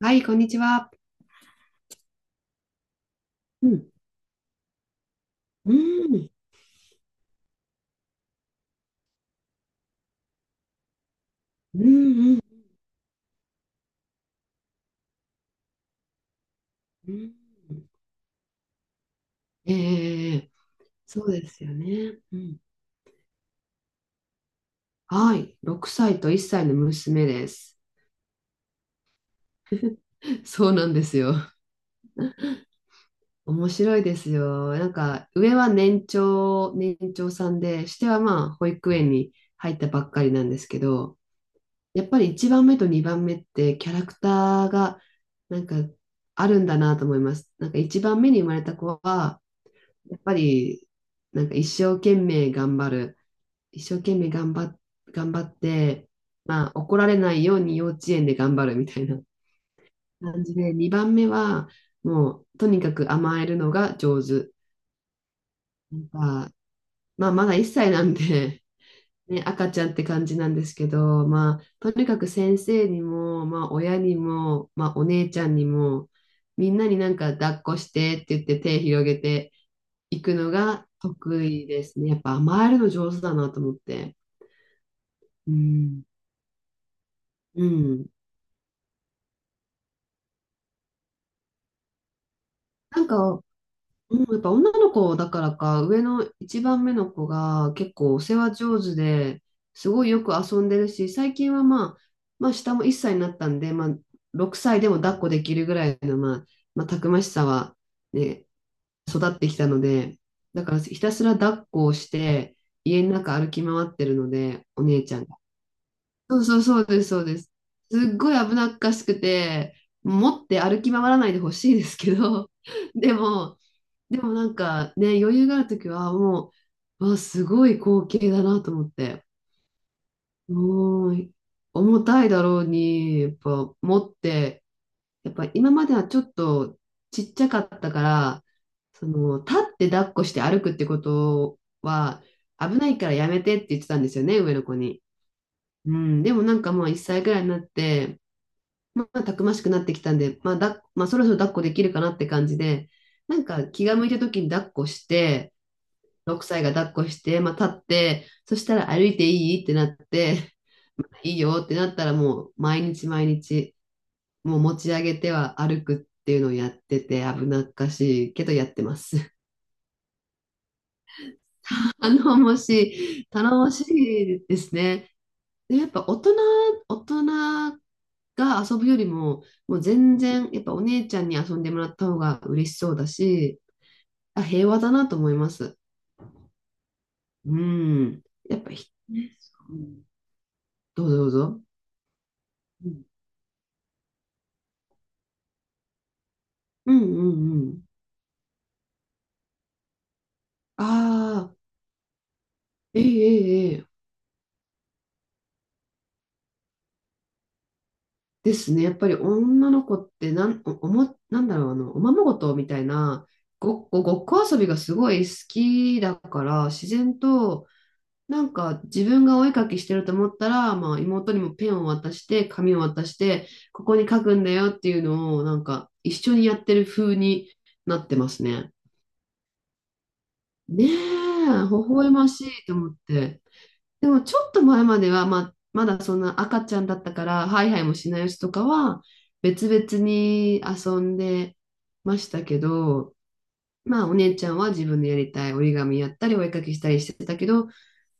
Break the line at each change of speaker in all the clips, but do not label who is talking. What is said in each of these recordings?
はい、こんにちは。うん、うん、うん、うん。うん。ええ、そうですよね。うん。はい、6歳と1歳の娘です。そうなんですよ。面白いですよ。なんか、上は年長さんで、下はまあ、保育園に入ったばっかりなんですけど、やっぱり1番目と2番目ってキャラクターがなんかあるんだなと思います。なんか1番目に生まれた子は、やっぱり、なんか一生懸命頑張る。一生懸命頑張っ、頑張って、まあ怒られないように幼稚園で頑張るみたいな感じで、2番目はもうとにかく甘えるのが上手。なんか、まあまだ1歳なんで、ね、赤ちゃんって感じなんですけど、まあとにかく先生にも、まあ親にも、まあお姉ちゃんにも、みんなになんか抱っこしてって言って手広げて、行くのが得意ですね。やっぱ甘えるの上手だなと思って。うん。うん。なんか、うん、やっぱ女の子だからか、上の一番目の子が結構お世話上手で、すごいよく遊んでるし、最近はまあ、まあ下も1歳になったんで、まあ6歳でも抱っこできるぐらいの、まあ、まあ、たくましさはね、育ってきたので、だからひたすら抱っこをして、家の中歩き回ってるので、お姉ちゃん。そうそうそうです、そうです。すっごい危なっかしくて、持って歩き回らないでほしいですけど、でも、でもなんかね、余裕があるときはもう、わ、すごい光景だなと思って。もう、重たいだろうに、やっぱ持って、やっぱ今まではちょっとちっちゃかったから、その、立って抱っこして歩くってことは、危ないからやめてって言ってたんですよね、上の子に。うん、でもなんかもう1歳ぐらいになって、まあ、たくましくなってきたんで、まあだ、まあ、そろそろ抱っこできるかなって感じで、なんか気が向いた時に抱っこして、6歳が抱っこして、まあ、立って、そしたら歩いていいってなって、いいよってなったらもう毎日毎日、もう持ち上げては歩くっていうのをやってて危なっかしいけどやってます。頼もしい、頼もしいですね。で、やっぱ大人、大人が遊ぶよりも、もう全然、やっぱお姉ちゃんに遊んでもらった方が嬉しそうだし、あ、平和だなと思います。うん。やっぱひ、ね、そう。うん。どうぞどうぞ。うん、うんうんうん。ああ、ええええええ。ですね。やっぱり女の子ってなん、お、おも、なんだろう、あの、おままごとみたいな、ごっこ遊びがすごい好きだから、自然と、なんか自分がお絵描きしてると思ったら、まあ、妹にもペンを渡して紙を渡してここに書くんだよっていうのをなんか一緒にやってる風になってますね。ねえ、微笑ましいと思って。でもちょっと前までは、まあ、まだそんな赤ちゃんだったからハイハイもしないやつとかは別々に遊んでましたけど、まあ、お姉ちゃんは自分でやりたい折り紙やったり、お絵かきしたりしてたけど、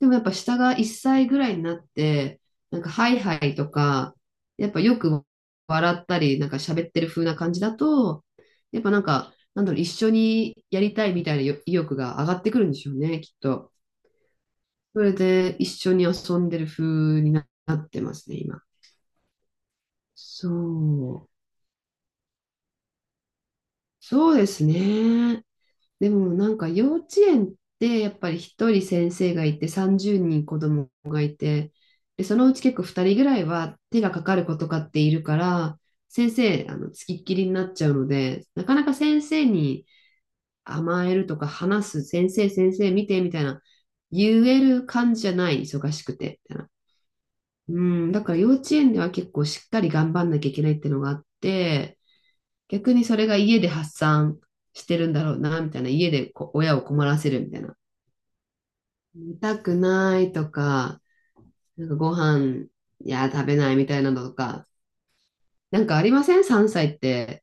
でもやっぱ下が1歳ぐらいになって、なんかハイハイとか、やっぱよく笑ったり、なんか喋ってる風な感じだと、やっぱなんか、なんだろう、一緒にやりたいみたいな意欲が上がってくるんでしょうね、きっと。それで一緒に遊んでる風になってますね、今。そう。そうですね。でもなんか幼稚園ってやっぱり一人先生がいて30人子供がいて、で、そのうち結構2人ぐらいは手がかかる子とかっているから、先生、あの、つきっきりになっちゃうので、なかなか先生に甘えるとか話す、先生見てみたいな、言える感じじゃない、忙しくて、みたいな。うん、だから幼稚園では結構しっかり頑張んなきゃいけないってのがあって、逆にそれが家で発散してるんだろうな、みたいな。家で親を困らせるみたいな。見たくないとか、なんかご飯、いや、食べないみたいなのとか。なんかありません？ 3 歳って。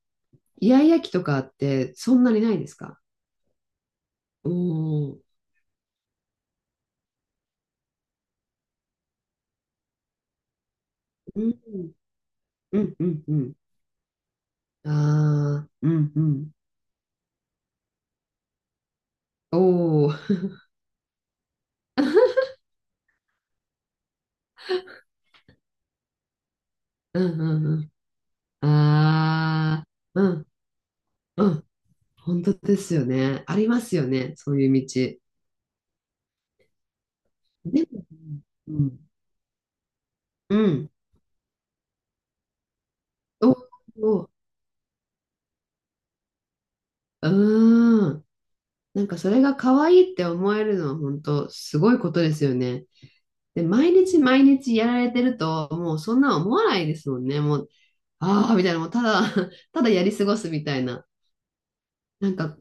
イヤイヤ期とかってそんなにないですか？おー。うん、うん、うん、うん。ああ、うん、うん。おー。うん、うん、うん。ああ、うん、うん。本当ですよね。ありますよね。そういう道。でも、うん。うん。おお、うーん。なんかそれが可愛いって思えるのは本当すごいことですよね。で、毎日毎日やられてると、もうそんな思わないですもんね。もう、ああ、みたいな、もうただ、ただやり過ごすみたいな。なんか、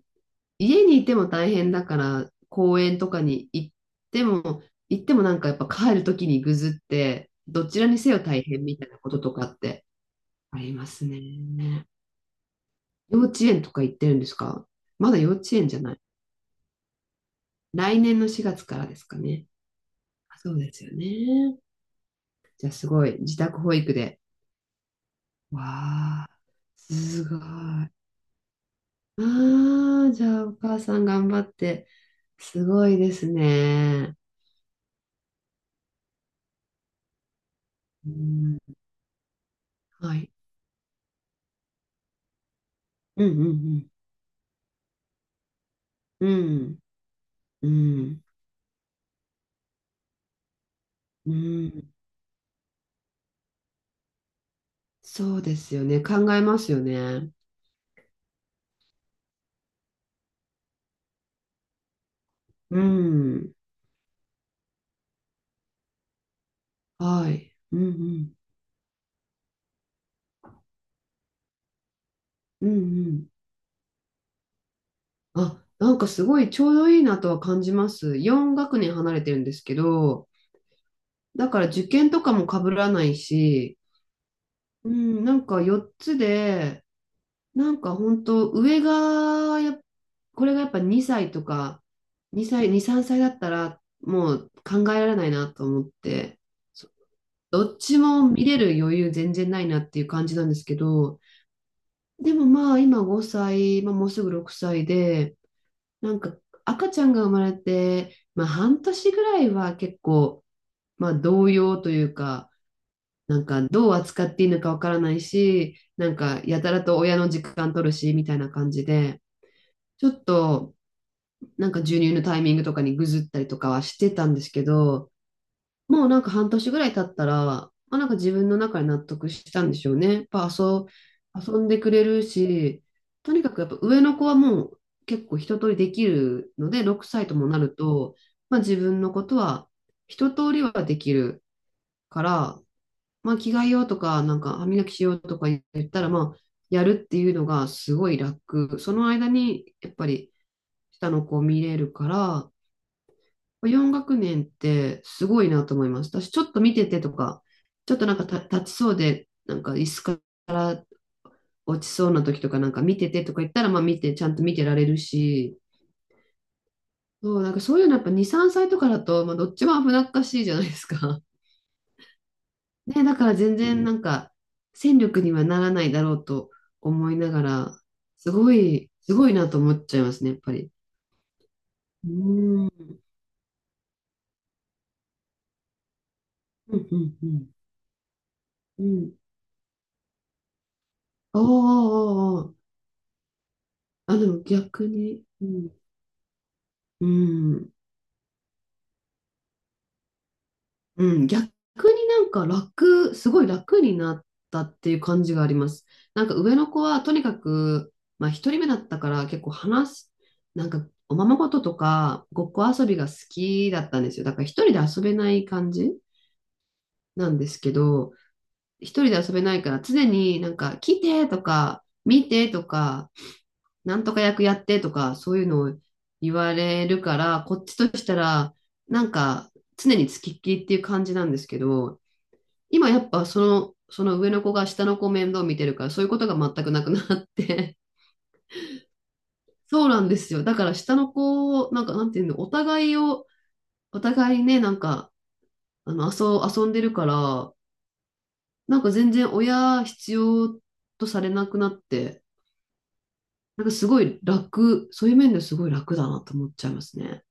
家にいても大変だから、公園とかに行っても、なんかやっぱ帰る時にぐずって、どちらにせよ大変みたいなこととかってありますね。幼稚園とか行ってるんですか？まだ幼稚園じゃない。来年の4月からですかね。あ、そうですよね。じゃあすごい、自宅保育で。わあ、すごい。ああ、じゃあお母さん頑張って。すごいですね。うん、はい。うんうんうん。うん。うん。うん。そうですよね。考えますよね。うん。はい。うんうん。うんうん。あ、なんかすごいちょうどいいなとは感じます。4学年離れてるんですけど、だから受験とかも被らないし、うん、なんか4つで、なんか本当上がやこれがやっぱ2歳とか、2、3歳だったらもう考えられないなと思って、そどっちも見れる余裕全然ないなっていう感じなんですけど、でもまあ今5歳、まあ、もうすぐ6歳で、なんか赤ちゃんが生まれて、まあ半年ぐらいは結構、まあ動揺というか、なんかどう扱っていいのかわからないし、なんかやたらと親の時間取るし、みたいな感じで、ちょっとなんか授乳のタイミングとかにぐずったりとかはしてたんですけど、もうなんか半年ぐらい経ったら、まあ、なんか自分の中で納得したんでしょうね。やっぱ遊んでくれるし、とにかくやっぱ上の子はもう結構一通りできるので、6歳ともなると、まあ、自分のことは一通りはできるから、まあ、着替えようとか、なんか歯磨きしようとか言ったら、まあ、やるっていうのがすごい楽。その間に、やっぱり下の子を見れるから、4学年ってすごいなと思います。私、ちょっと見ててとか、ちょっとなんか立ちそうで、なんか椅子が落ちそうな時とか、なんか見ててとか言ったら、まあ見て、ちゃんと見てられるし、そう、なんかそういうのやっぱ2、3歳とかだと、まあ、どっちも危なっかしいじゃないですか。ね、だから全う然ん。なんんか戦力にはならないだろうと思いながら、すごい、すごいなと思っちゃいますね、やっぱり。うーん。うんうんうん。うん。おーおーおーおー。あ、でも逆に。うん。うん。うん、逆になんか楽、すごい楽になったっていう感じがあります。なんか上の子はとにかく、まあ一人目だったから結構話す、なんかおままごととかごっこ遊びが好きだったんですよ。だから一人で遊べない感じなんですけど、一人で遊べないから常になんか来てとか見てとか、なんとか役やってとかそういうのを言われるから、こっちとしたらなんか常に付きっきりっていう感じなんですけど、今やっぱその上の子が下の子を面倒見てるから、そういうことが全くなくなって。 そうなんですよ。だから下の子を、なんかなんていうの、お互いね、なんか、あの、遊んでるから、なんか全然親必要とされなくなって、なんかすごい楽、そういう面ですごい楽だなと思っちゃいますね。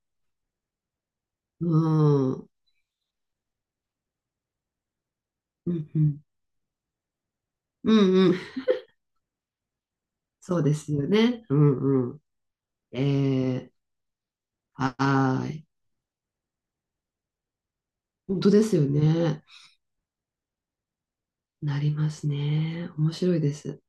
うん。うんうん。うんうん。そうですよね。うんうん。えー、はーい。本当ですよね。なりますね。面白いです。